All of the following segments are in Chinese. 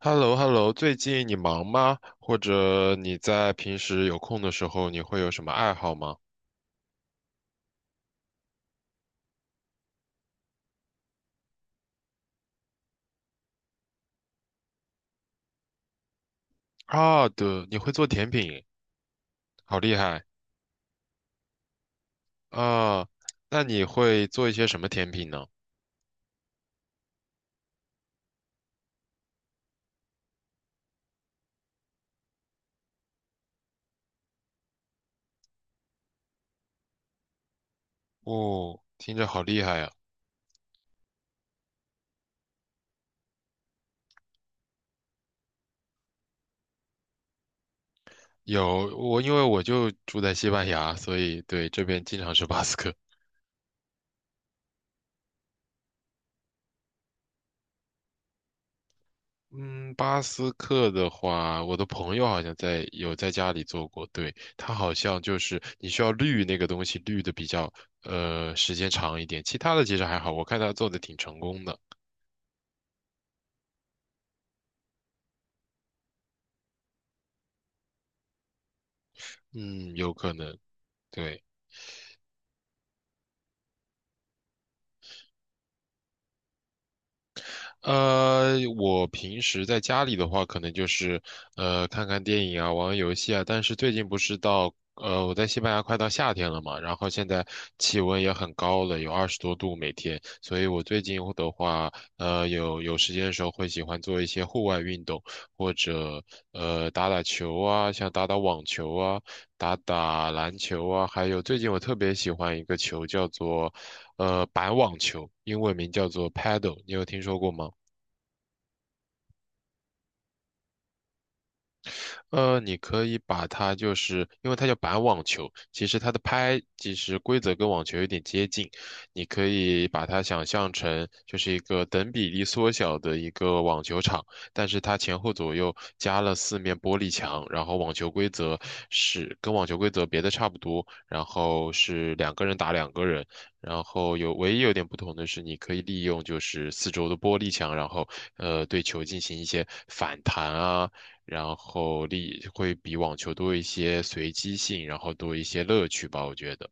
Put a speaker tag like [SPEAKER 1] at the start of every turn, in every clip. [SPEAKER 1] h e l l o h e l l o 最近你忙吗？或者你在平时有空的时候，你会有什么爱好吗？啊，对，你会做甜品，好厉害啊！那你会做一些什么甜品呢？哦，听着好厉害呀！有我，因为我就住在西班牙，所以对这边经常吃巴斯克。嗯，巴斯克的话，我的朋友好像在有在家里做过，对，他好像就是你需要滤那个东西，滤的比较时间长一点，其他的其实还好，我看他做的挺成功的，嗯，有可能，对。我平时在家里的话，可能就是看看电影啊，玩玩游戏啊。但是最近不是到我在西班牙快到夏天了嘛，然后现在气温也很高了，有20多度每天，所以我最近的话，有时间的时候会喜欢做一些户外运动，或者打打球啊，像打打网球啊，打打篮球啊，还有最近我特别喜欢一个球叫做板网球，英文名叫做 paddle，你有听说过吗？你可以把它就是，因为它叫板网球，其实它的拍其实规则跟网球有点接近，你可以把它想象成就是一个等比例缩小的一个网球场，但是它前后左右加了4面玻璃墙，然后网球规则是跟网球规则别的差不多，然后是两个人打两个人，然后有唯一有点不同的是，你可以利用就是四周的玻璃墙，然后对球进行一些反弹啊。然后力会比网球多一些随机性，然后多一些乐趣吧，我觉得。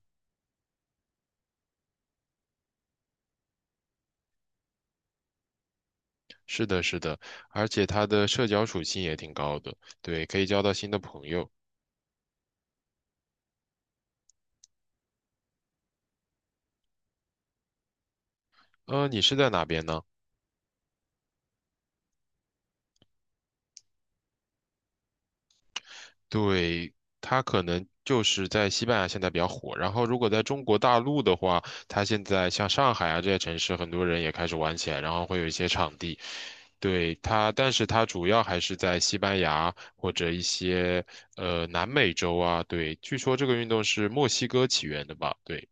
[SPEAKER 1] 是的，是的，而且它的社交属性也挺高的，对，可以交到新的朋友。你是在哪边呢？对，它可能就是在西班牙现在比较火，然后如果在中国大陆的话，它现在像上海啊这些城市，很多人也开始玩起来，然后会有一些场地。对它，但是它主要还是在西班牙或者一些南美洲啊。对，据说这个运动是墨西哥起源的吧？对。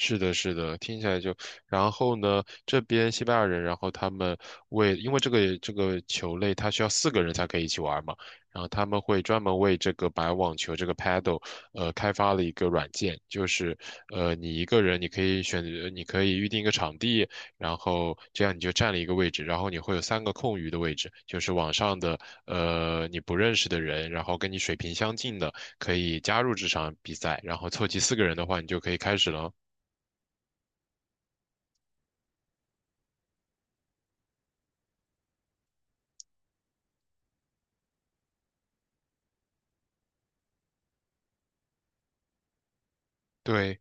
[SPEAKER 1] 是的，是的，听起来就，然后呢，这边西班牙人，然后他们因为这个球类，它需要四个人才可以一起玩嘛，然后他们会专门为这个白网球这个 paddle，开发了一个软件，就是，你一个人你可以选择，你可以预定一个场地，然后这样你就占了一个位置，然后你会有3个空余的位置，就是网上的，你不认识的人，然后跟你水平相近的可以加入这场比赛，然后凑齐四个人的话，你就可以开始了。对，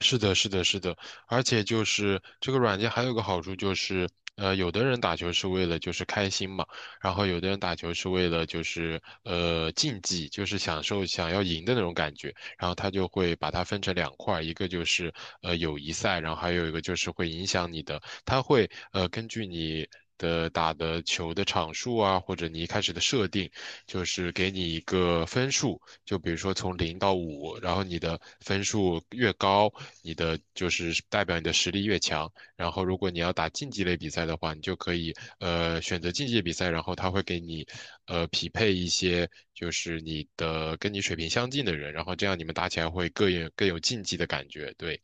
[SPEAKER 1] 是的，是的，是的，而且就是这个软件还有个好处就是，有的人打球是为了就是开心嘛，然后有的人打球是为了就是竞技，就是享受想要赢的那种感觉，然后他就会把它分成两块儿一个就是友谊赛，然后还有一个就是会影响你的，它会根据你的打的球的场数啊，或者你一开始的设定，就是给你一个分数，就比如说从0到5，然后你的分数越高，你的就是代表你的实力越强。然后如果你要打竞技类比赛的话，你就可以选择竞技比赛，然后他会给你匹配一些就是你的跟你水平相近的人，然后这样你们打起来会更有竞技的感觉，对。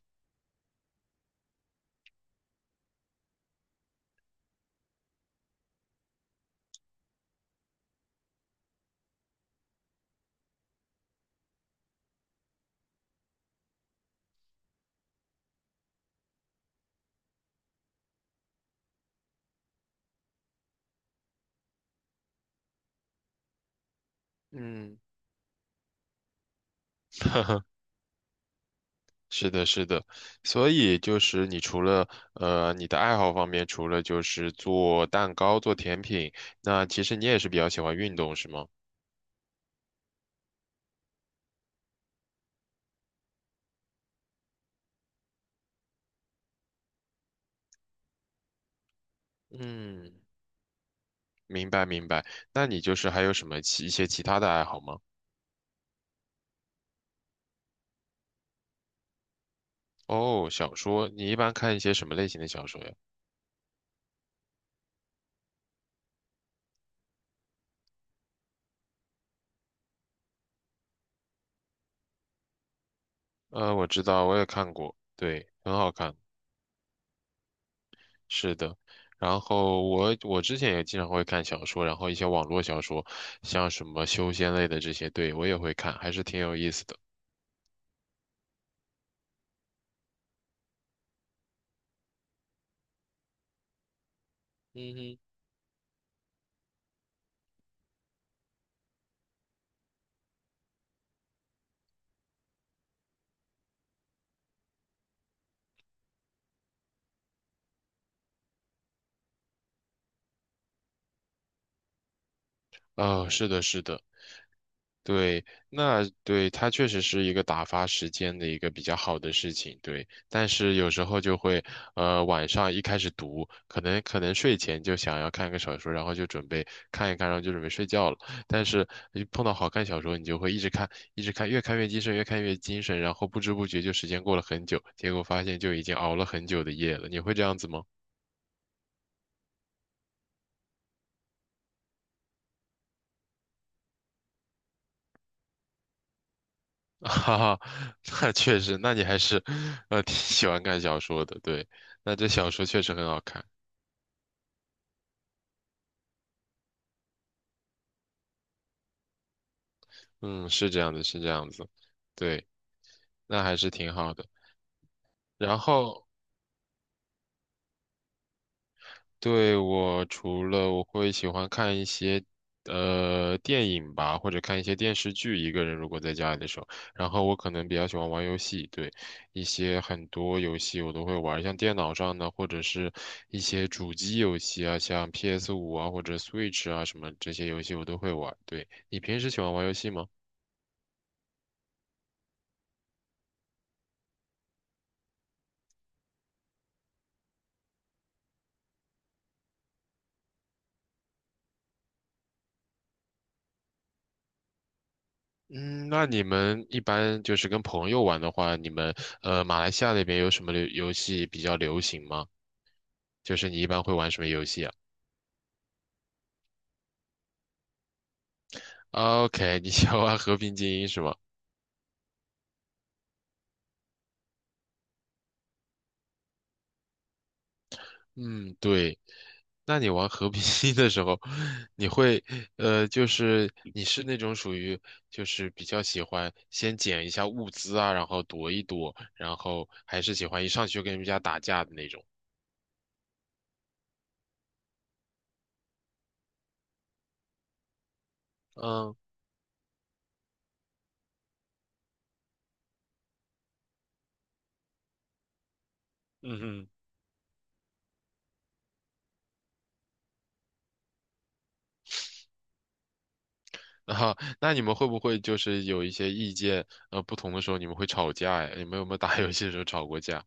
[SPEAKER 1] 嗯，是的，是的，所以就是你除了你的爱好方面，除了就是做蛋糕、做甜品，那其实你也是比较喜欢运动，是吗？嗯，明白明白。那你就是还有什么其一些其他的爱好吗？哦，小说，你一般看一些什么类型的小说呀？我知道，我也看过，对，很好看，是的。然后我之前也经常会看小说，然后一些网络小说，像什么修仙类的这些，对，我也会看，还是挺有意思的。嗯哼。啊、是的，是的。对，那对它确实是一个打发时间的一个比较好的事情，对。但是有时候就会，晚上一开始读，可能睡前就想要看个小说，然后就准备看一看，然后就准备睡觉了。但是一碰到好看小说，你就会一直看，一直看，越看越精神，越看越精神，然后不知不觉就时间过了很久，结果发现就已经熬了很久的夜了。你会这样子吗？哈哈，那确实，那你还是，挺喜欢看小说的，对。那这小说确实很好看。嗯，是这样的，是这样子，对，那还是挺好的。然后，对，我除了我会喜欢看一些电影吧，或者看一些电视剧，一个人如果在家里的时候，然后我可能比较喜欢玩游戏，对，一些很多游戏我都会玩，像电脑上的或者是一些主机游戏啊，像 PS5啊或者 Switch 啊什么这些游戏我都会玩。对，你平时喜欢玩游戏吗？嗯，那你们一般就是跟朋友玩的话，你们马来西亚那边有什么流游戏比较流行吗？就是你一般会玩什么游戏啊？OK，你喜欢玩和平精英是吗？嗯，对。那你玩和平精英的时候，你会就是你是那种属于就是比较喜欢先捡一下物资啊，然后躲一躲，然后还是喜欢一上去就跟人家打架的那种？嗯。嗯哼。啊，那你们会不会就是有一些意见不同的时候，你们会吵架呀？你们有没有打游戏的时候吵过架？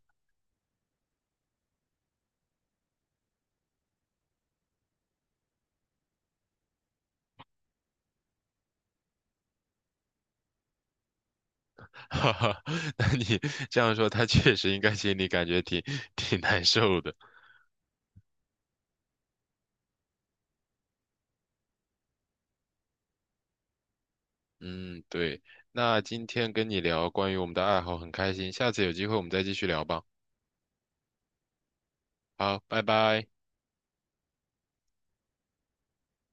[SPEAKER 1] 哈哈，那你这样说，他确实应该心里感觉挺难受的。嗯，对。那今天跟你聊关于我们的爱好很开心，下次有机会我们再继续聊吧。好，拜拜。